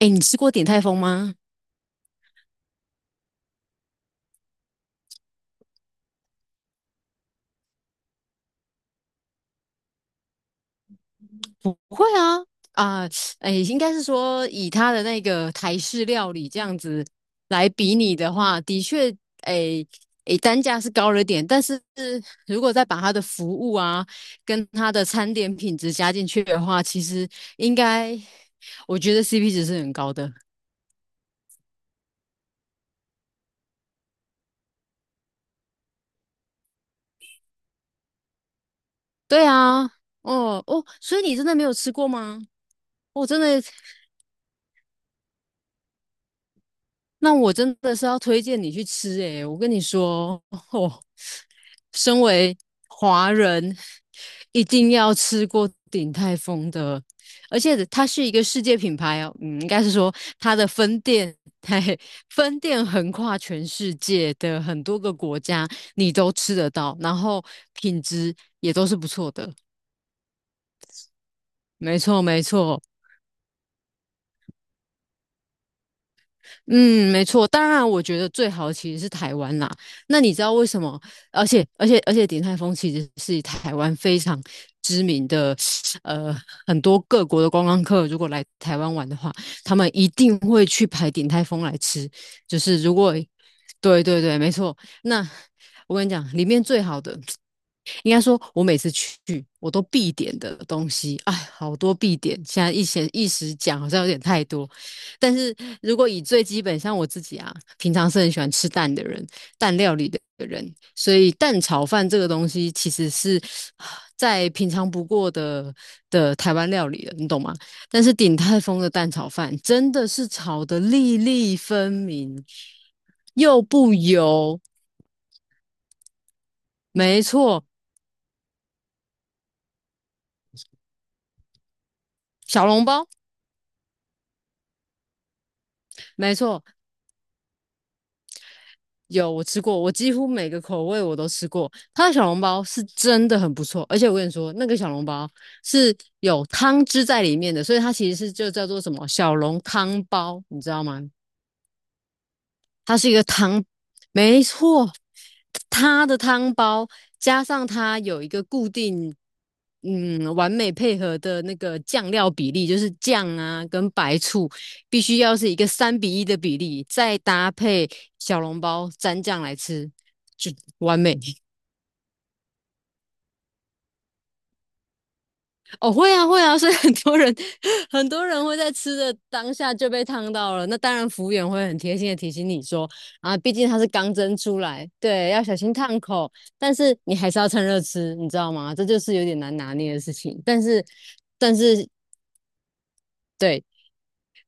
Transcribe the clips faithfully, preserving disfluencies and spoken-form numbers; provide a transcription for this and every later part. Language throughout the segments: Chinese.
哎，你吃过鼎泰丰吗？不会啊，啊、哎，应该是说以他的那个台式料理这样子来比拟的话，的确，哎哎，单价是高了点，但是如果再把它的服务啊跟它的餐点品质加进去的话，其实应该我觉得 C P 值是很高的。对啊，哦哦，所以你真的没有吃过吗？我、真的，那我真的是要推荐你去吃诶、我跟你说，哦，身为华人，一定要吃过鼎泰丰的，而且它是一个世界品牌哦，嗯，应该是说它的分店，嘿，分店横跨全世界的很多个国家，你都吃得到，然后品质也都是不错的。没错，没错。嗯，没错。当然，我觉得最好其实是台湾啦。那你知道为什么？而且，而且，而且，鼎泰丰其实是台湾非常知名的，呃，很多各国的观光客如果来台湾玩的话，他们一定会去排鼎泰丰来吃。就是如果，对对对，没错。那我跟你讲，里面最好的应该说，我每次去我都必点的东西，哎，好多必点。现在一时一时讲好像有点太多，但是如果以最基本，像我自己啊，平常是很喜欢吃蛋的人，蛋料理的人，所以蛋炒饭这个东西其实是啊再平常不过的的台湾料理了，你懂吗？但是鼎泰丰的蛋炒饭真的是炒得粒粒分明，又不油，没错，小笼包。没错，有，我吃过，我几乎每个口味我都吃过。它的小笼包是真的很不错，而且我跟你说，那个小笼包是有汤汁在里面的，所以它其实是就叫做什么小笼汤包，你知道吗？它是一个汤，没错，它的汤包加上它有一个固定，嗯，完美配合的那个酱料比例，就是酱啊跟白醋必须要是一个三比一的比例，再搭配小笼包蘸酱来吃，就完美。哦，会啊，会啊，所以很多人 很多人会在吃的当下就被烫到了。那当然，服务员会很贴心的提醒你说，啊，毕竟它是刚蒸出来，对，要小心烫口。但是你还是要趁热吃，你知道吗？这就是有点难拿捏的事情。但是，但是，对，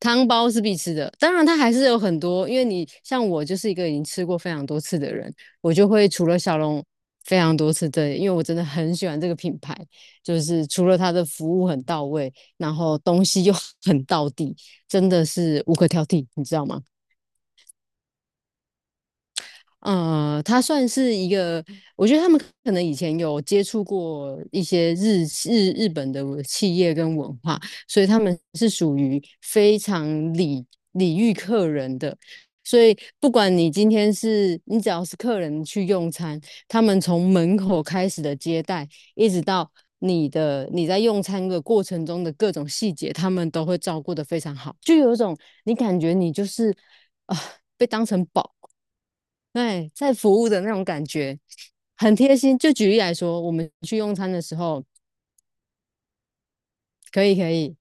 汤包是必吃的，当然它还是有很多，因为你像我就是一个已经吃过非常多次的人，我就会除了小龙非常多次的，因为我真的很喜欢这个品牌，就是除了它的服务很到位，然后东西又 很到底，真的是无可挑剔，你知道吗？呃，它算是一个，我觉得他们可能以前有接触过一些日日日本的企业跟文化，所以他们是属于非常礼礼遇客人的。所以不管你今天是你只要是客人去用餐，他们从门口开始的接待，一直到你的你在用餐的过程中的各种细节，他们都会照顾得非常好，就有一种你感觉你就是啊、被当成宝。对，在服务的那种感觉，很贴心。就举例来说，我们去用餐的时候，可以可以，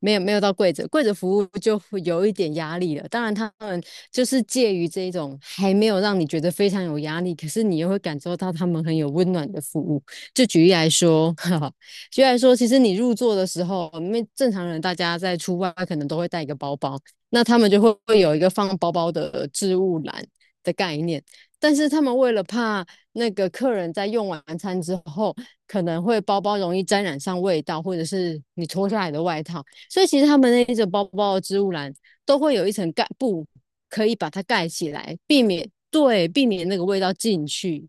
没有没有到柜子，柜子服务就会有一点压力了。当然，他们就是介于这一种还没有让你觉得非常有压力，可是你又会感受到他们很有温暖的服务。就举例来说，哈哈，举例来说，其实你入座的时候，因为正常人大家在出外可能都会带一个包包，那他们就会会有一个放包包的置物篮的概念。但是他们为了怕那个客人在用完餐之后，可能会包包容易沾染上味道，或者是你脱下来的外套，所以其实他们那一种包包的植物篮都会有一层盖布，可以把它盖起来，避免对避免那个味道进去。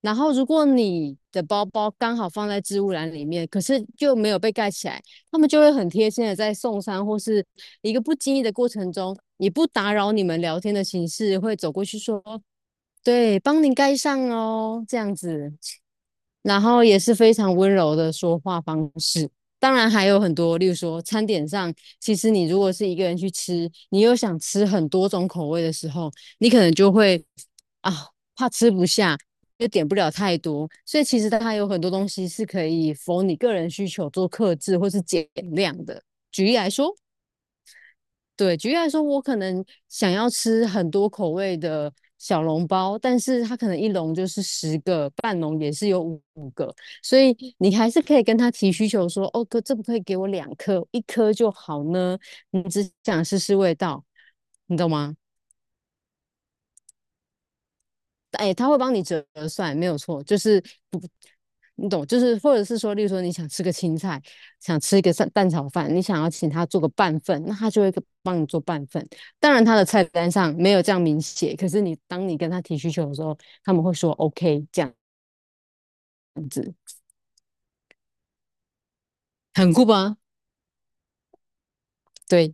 然后如果你的包包刚好放在置物篮里面，可是就没有被盖起来，他们就会很贴心的在送餐或是一个不经意的过程中，以不打扰你们聊天的形式，会走过去说："对，帮您盖上哦。"这样子。然后也是非常温柔的说话方式。当然还有很多，例如说餐点上，其实你如果是一个人去吃，你又想吃很多种口味的时候，你可能就会啊怕吃不下，又点不了太多。所以其实它有很多东西是可以否你个人需求做克制或是减量的。举例来说。对，举例来说，我可能想要吃很多口味的小笼包，但是它可能一笼就是十个，半笼也是有五五个，所以你还是可以跟他提需求说，哦哥，这不可以给我两颗，一颗就好呢？你只想试试味道，你懂吗？哎，他会帮你折算，没有错，就是不，你懂，就是或者是说，例如说你想吃个青菜，想吃一个蛋蛋炒饭，你想要请他做个半份，那他就会帮你做半份。当然，他的菜单上没有这样明写，可是你当你跟他提需求的时候，他们会说 OK,这样很酷吧？对。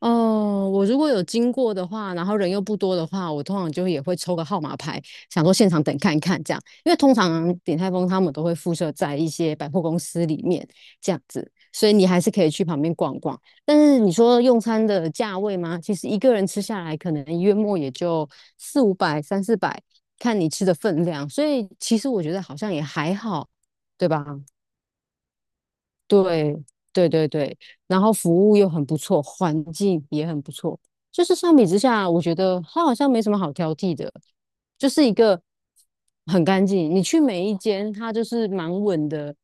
哦，我如果有经过的话，然后人又不多的话，我通常就也会抽个号码牌，想说现场等看一看这样。因为通常鼎泰丰他们都会附设在一些百货公司里面这样子，所以你还是可以去旁边逛逛。但是你说用餐的价位吗？其实一个人吃下来，可能月末也就四五百、三四百，看你吃的分量。所以其实我觉得好像也还好，对吧？对对对对，然后服务又很不错，环境也很不错，就是相比之下，我觉得它好像没什么好挑剔的，就是一个很干净。你去每一间，它就是蛮稳的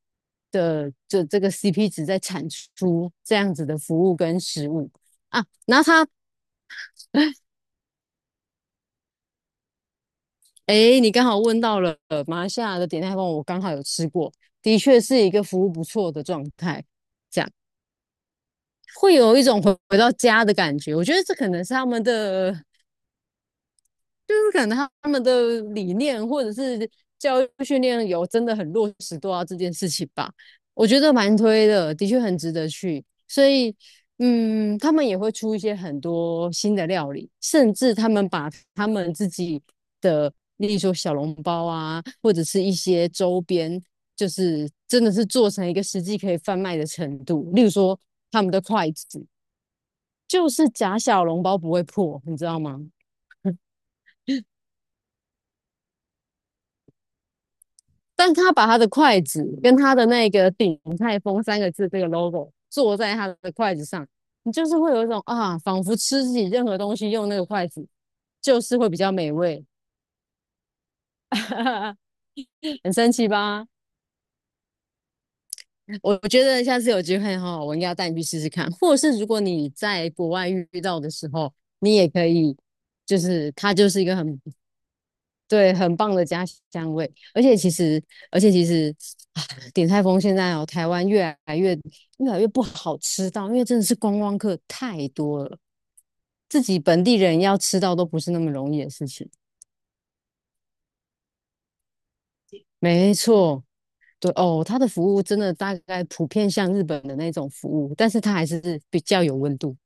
的这这个 C P 值在产出这样子的服务跟食物啊。然后它，哎，你刚好问到了马来西亚的点泰丰，我刚好有吃过，的确是一个服务不错的状态。这样。会有一种回回到家的感觉。我觉得这可能是他们的，就是可能他们的理念或者是教育训练有真的很落实做到这件事情吧。我觉得蛮推的，的确很值得去。所以，嗯，他们也会出一些很多新的料理，甚至他们把他们自己的，例如说小笼包啊，或者是一些周边，就是真的是做成一个实际可以贩卖的程度。例如说他们的筷子，就是假小笼包不会破，你知道吗？但他把他的筷子跟他的那个"鼎泰丰"三个字这个 logo 做在他的筷子上，你就是会有一种啊，仿佛吃自己任何东西用那个筷子，就是会比较美味，很神奇吧？我觉得下次有机会哈，我应该要带你去试试看，或是如果你在国外遇到的时候，你也可以，就是它就是一个很对，很棒的家乡味，而且其实，而且其实，啊鼎泰丰现在哦，台湾越来越越来越不好吃到，因为真的是观光客太多了，自己本地人要吃到都不是那么容易的事情。没错，对哦，它的服务真的大概普遍像日本的那种服务，但是它还是比较有温度。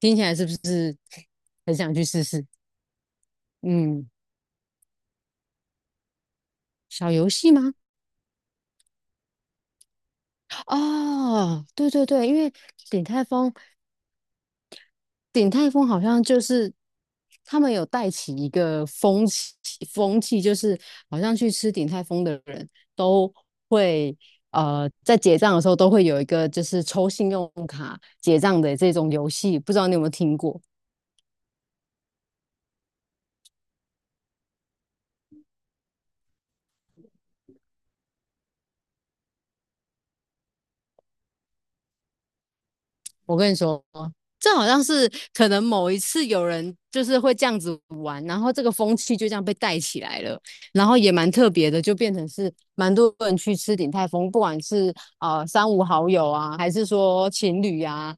听起来是不是很想去试试？嗯，小游戏吗？哦，对对对，因为鼎泰丰鼎泰丰好像就是他们有带起一个风气，风气就是好像去吃鼎泰丰的人都会呃在结账的时候都会有一个就是抽信用卡结账的这种游戏，不知道你有没有听过？我跟你说，这好像是可能某一次有人就是会这样子玩，然后这个风气就这样被带起来了。然后也蛮特别的，就变成是蛮多人去吃鼎泰丰，不管是啊三五好友啊，还是说情侣啊，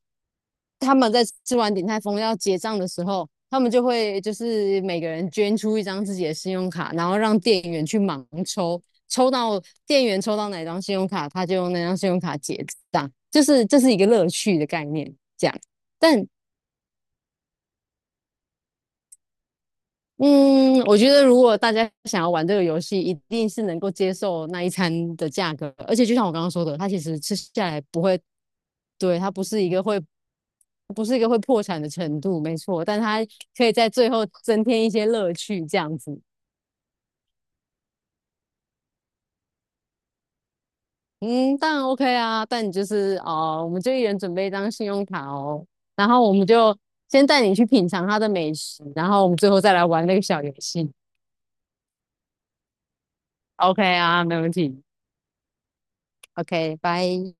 他们在吃完鼎泰丰要结账的时候，他们就会就是每个人捐出一张自己的信用卡，然后让店员去盲抽，抽到店员抽到哪张信用卡，他就用那张信用卡结账，就是这是一个乐趣的概念，这样。但嗯，我觉得如果大家想要玩这个游戏，一定是能够接受那一餐的价格，而且就像我刚刚说的，它其实吃下来不会，对，它不是一个会，不是一个会破产的程度，没错，但它可以在最后增添一些乐趣，这样子。嗯，当然 OK 啊，但你就是哦，我们就一人准备一张信用卡哦，然后我们就先带你去品尝它的美食，然后我们最后再来玩那个小游戏。OK 啊，没问题。OK,拜。